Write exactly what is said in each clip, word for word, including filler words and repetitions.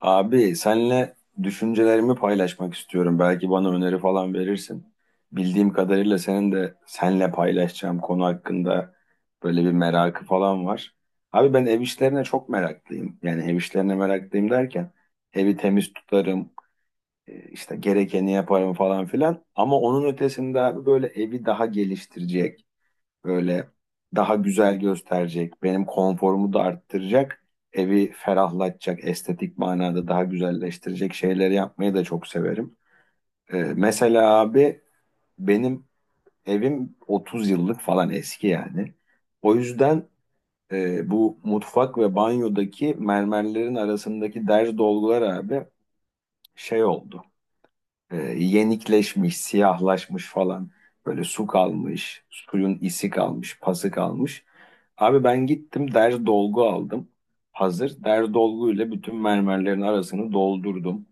Abi senle düşüncelerimi paylaşmak istiyorum. Belki bana öneri falan verirsin. Bildiğim kadarıyla senin de senle paylaşacağım konu hakkında böyle bir merakı falan var. Abi ben ev işlerine çok meraklıyım. Yani ev işlerine meraklıyım derken evi temiz tutarım, e, işte gerekeni yaparım falan filan. Ama onun ötesinde abi böyle evi daha geliştirecek böyle daha güzel gösterecek, benim konforumu da arttıracak, evi ferahlatacak, estetik manada daha güzelleştirecek şeyleri yapmayı da çok severim. Ee, mesela abi benim evim otuz yıllık falan eski yani. O yüzden e, bu mutfak ve banyodaki mermerlerin arasındaki derz dolgular abi şey oldu, e, yenikleşmiş, siyahlaşmış falan. Böyle su kalmış, suyun isi kalmış, pası kalmış. Abi ben gittim der dolgu aldım. Hazır der dolguyla bütün mermerlerin arasını doldurdum.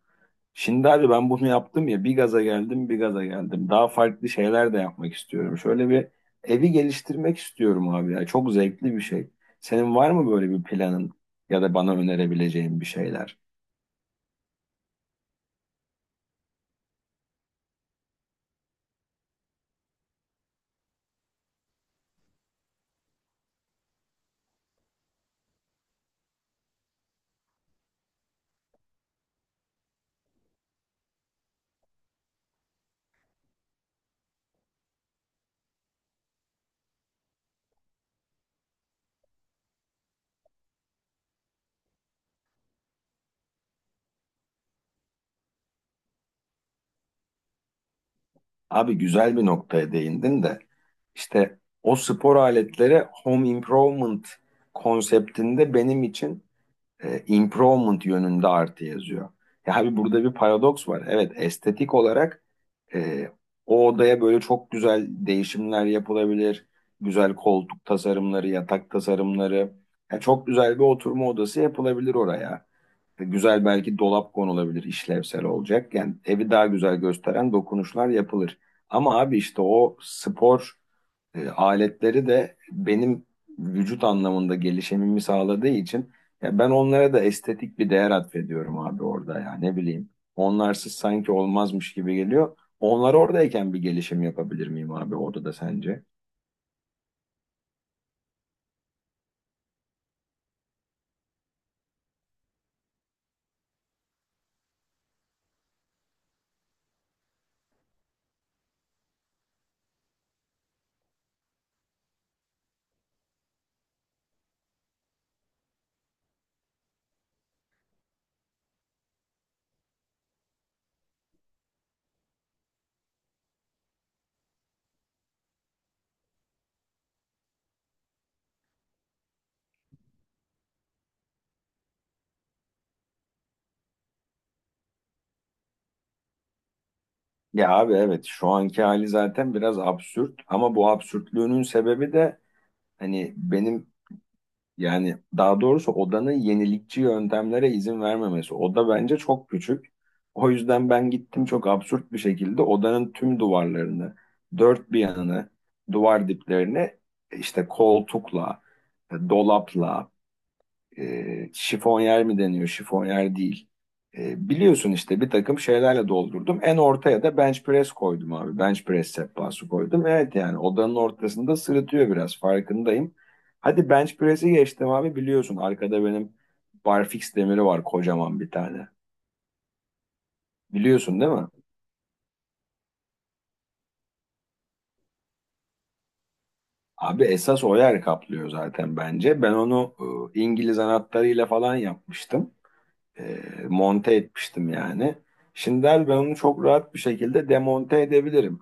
Şimdi abi ben bunu yaptım ya, bir gaza geldim bir gaza geldim. Daha farklı şeyler de yapmak istiyorum. Şöyle bir evi geliştirmek istiyorum abi ya. Çok zevkli bir şey. Senin var mı böyle bir planın ya da bana önerebileceğin bir şeyler? Abi güzel bir noktaya değindin de işte o spor aletleri home improvement konseptinde benim için e, improvement yönünde artı yazıyor. Ya abi burada bir paradoks var. Evet, estetik olarak ee, o odaya böyle çok güzel değişimler yapılabilir. Güzel koltuk tasarımları, yatak tasarımları. Ya çok güzel bir oturma odası yapılabilir oraya. E, Güzel belki dolap konulabilir, işlevsel olacak. Yani evi daha güzel gösteren dokunuşlar yapılır. Ama abi işte o spor e, aletleri de benim vücut anlamında gelişimimi sağladığı için ya ben onlara da estetik bir değer atfediyorum abi orada ya, ne bileyim. Onlarsız sanki olmazmış gibi geliyor. Onlar oradayken bir gelişim yapabilir miyim abi orada da sence? Ya abi evet, şu anki hali zaten biraz absürt ama bu absürtlüğünün sebebi de hani benim Yani daha doğrusu odanın yenilikçi yöntemlere izin vermemesi. Oda bence çok küçük. O yüzden ben gittim çok absürt bir şekilde odanın tüm duvarlarını, dört bir yanını, duvar diplerini işte koltukla, e, dolapla, e, şifonyer mi deniyor, şifonyer değil. E, biliyorsun işte bir takım şeylerle doldurdum. En ortaya da bench press koydum abi. Bench press sehpası koydum. Evet yani odanın ortasında sırıtıyor biraz, farkındayım. Hadi bench press'i geçtim abi, biliyorsun. Arkada benim barfix demiri var, kocaman bir tane. Biliyorsun değil mi? Abi esas o yer kaplıyor zaten bence. Ben onu e, İngiliz anahtarıyla falan yapmıştım. e, monte etmiştim yani. Şimdiler ben onu çok rahat bir şekilde demonte edebilirim.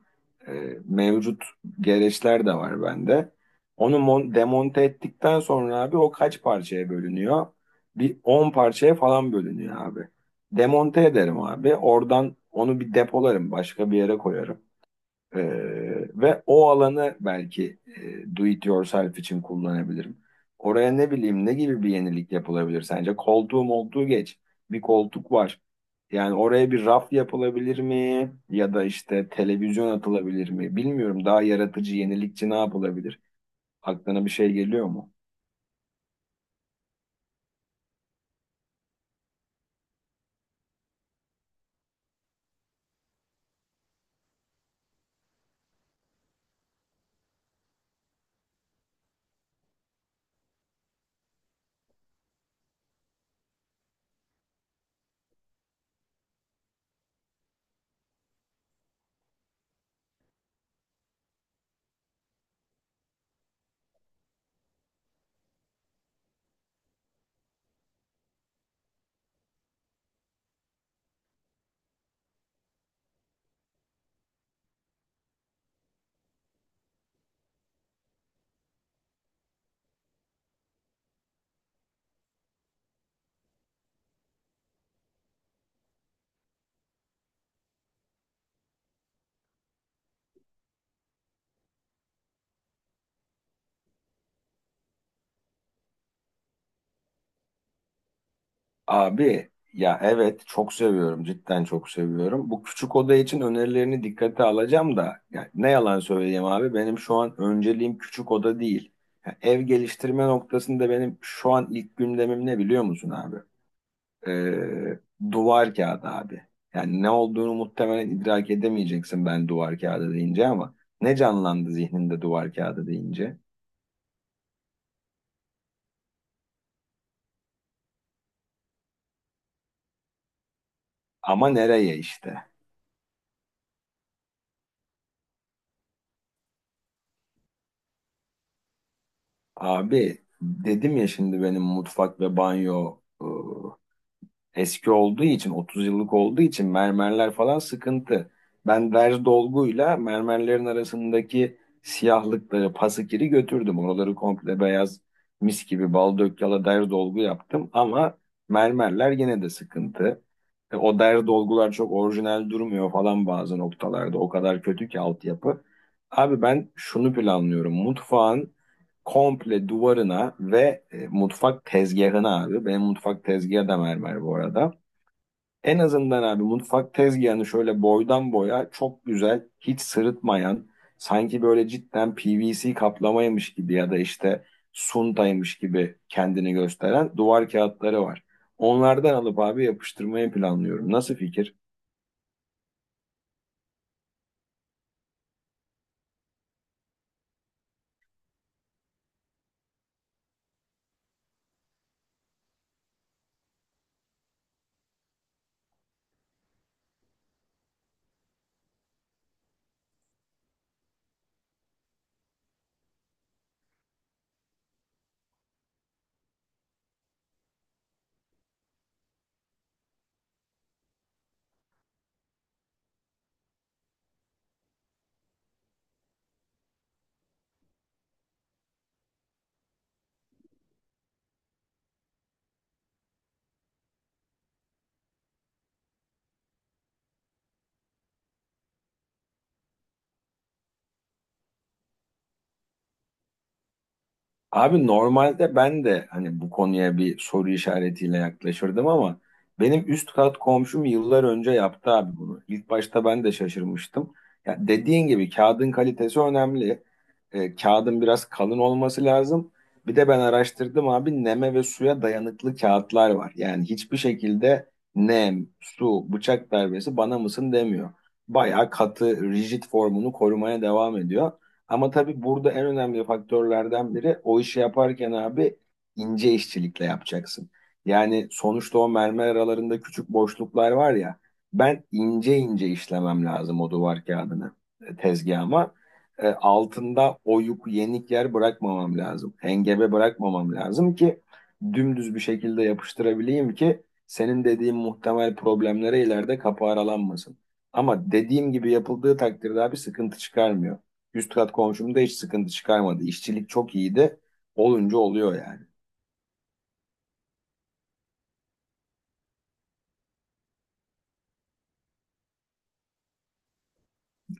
E, mevcut gereçler de var bende. Onu mon- demonte ettikten sonra abi o kaç parçaya bölünüyor? Bir on parçaya falan bölünüyor abi. Demonte ederim abi. Oradan onu bir depolarım, başka bir yere koyarım. Ee, ve o alanı belki e, do it yourself için kullanabilirim. Oraya ne bileyim, ne gibi bir yenilik yapılabilir sence? Koltuğum olduğu geç. Bir koltuk var. Yani oraya bir raf yapılabilir mi? Ya da işte televizyon atılabilir mi? Bilmiyorum, daha yaratıcı, yenilikçi ne yapılabilir? Aklına bir şey geliyor mu? Abi ya evet, çok seviyorum, cidden çok seviyorum. Bu küçük oda için önerilerini dikkate alacağım da ya ne yalan söyleyeyim abi, benim şu an önceliğim küçük oda değil. Ya ev geliştirme noktasında benim şu an ilk gündemim ne, biliyor musun abi? Ee, duvar kağıdı abi. Yani ne olduğunu muhtemelen idrak edemeyeceksin ben duvar kağıdı deyince ama ne canlandı zihninde duvar kağıdı deyince? Ama nereye işte? Abi dedim ya, şimdi benim mutfak ve banyo eski olduğu için, otuz yıllık olduğu için mermerler falan sıkıntı. Ben derz dolguyla mermerlerin arasındaki siyahlıkları, pasakiri götürdüm. Oraları komple beyaz, mis gibi bal dök yala derz dolgu yaptım ama mermerler yine de sıkıntı. E, O derz dolgular çok orijinal durmuyor falan bazı noktalarda. O kadar kötü ki altyapı. Abi ben şunu planlıyorum. Mutfağın komple duvarına ve e, mutfak tezgahına abi. Benim mutfak tezgahı da mermer bu arada. En azından abi mutfak tezgahını şöyle boydan boya çok güzel, hiç sırıtmayan, sanki böyle cidden P V C kaplamaymış gibi ya da işte suntaymış gibi kendini gösteren duvar kağıtları var. Onlardan alıp abi yapıştırmayı planlıyorum. Nasıl fikir? Abi normalde ben de hani bu konuya bir soru işaretiyle yaklaşırdım ama benim üst kat komşum yıllar önce yaptı abi bunu. İlk başta ben de şaşırmıştım. Ya dediğin gibi kağıdın kalitesi önemli. E, kağıdın biraz kalın olması lazım. Bir de ben araştırdım abi, neme ve suya dayanıklı kağıtlar var. Yani hiçbir şekilde nem, su, bıçak darbesi bana mısın demiyor. Bayağı katı, rigid formunu korumaya devam ediyor. Ama tabii burada en önemli faktörlerden biri, o işi yaparken abi ince işçilikle yapacaksın. Yani sonuçta o mermer aralarında küçük boşluklar var ya, ben ince ince işlemem lazım o duvar kağıdını e, tezgahıma, e, altında oyuk, yenik yer bırakmamam lazım. Hengebe bırakmamam lazım ki dümdüz bir şekilde yapıştırabileyim ki senin dediğin muhtemel problemlere ileride kapı aralanmasın. Ama dediğim gibi yapıldığı takdirde abi sıkıntı çıkarmıyor. Üst kat komşum hiç sıkıntı çıkarmadı. İşçilik çok iyiydi. Olunca oluyor yani.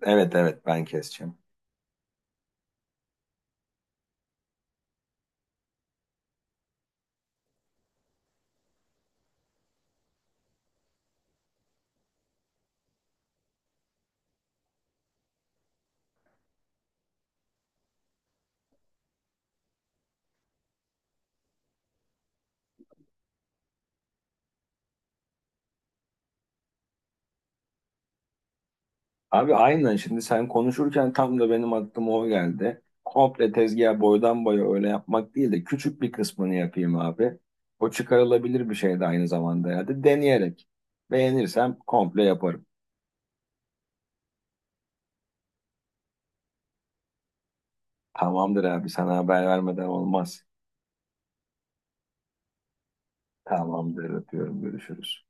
Evet evet, ben keseceğim. Abi aynen, şimdi sen konuşurken tam da benim aklıma o geldi. Komple tezgah boydan boya öyle yapmak değil de küçük bir kısmını yapayım abi. O çıkarılabilir bir şey de aynı zamanda, ya da deneyerek. Beğenirsem komple yaparım. Tamamdır abi, sana haber vermeden olmaz. Tamamdır, öpüyorum, görüşürüz.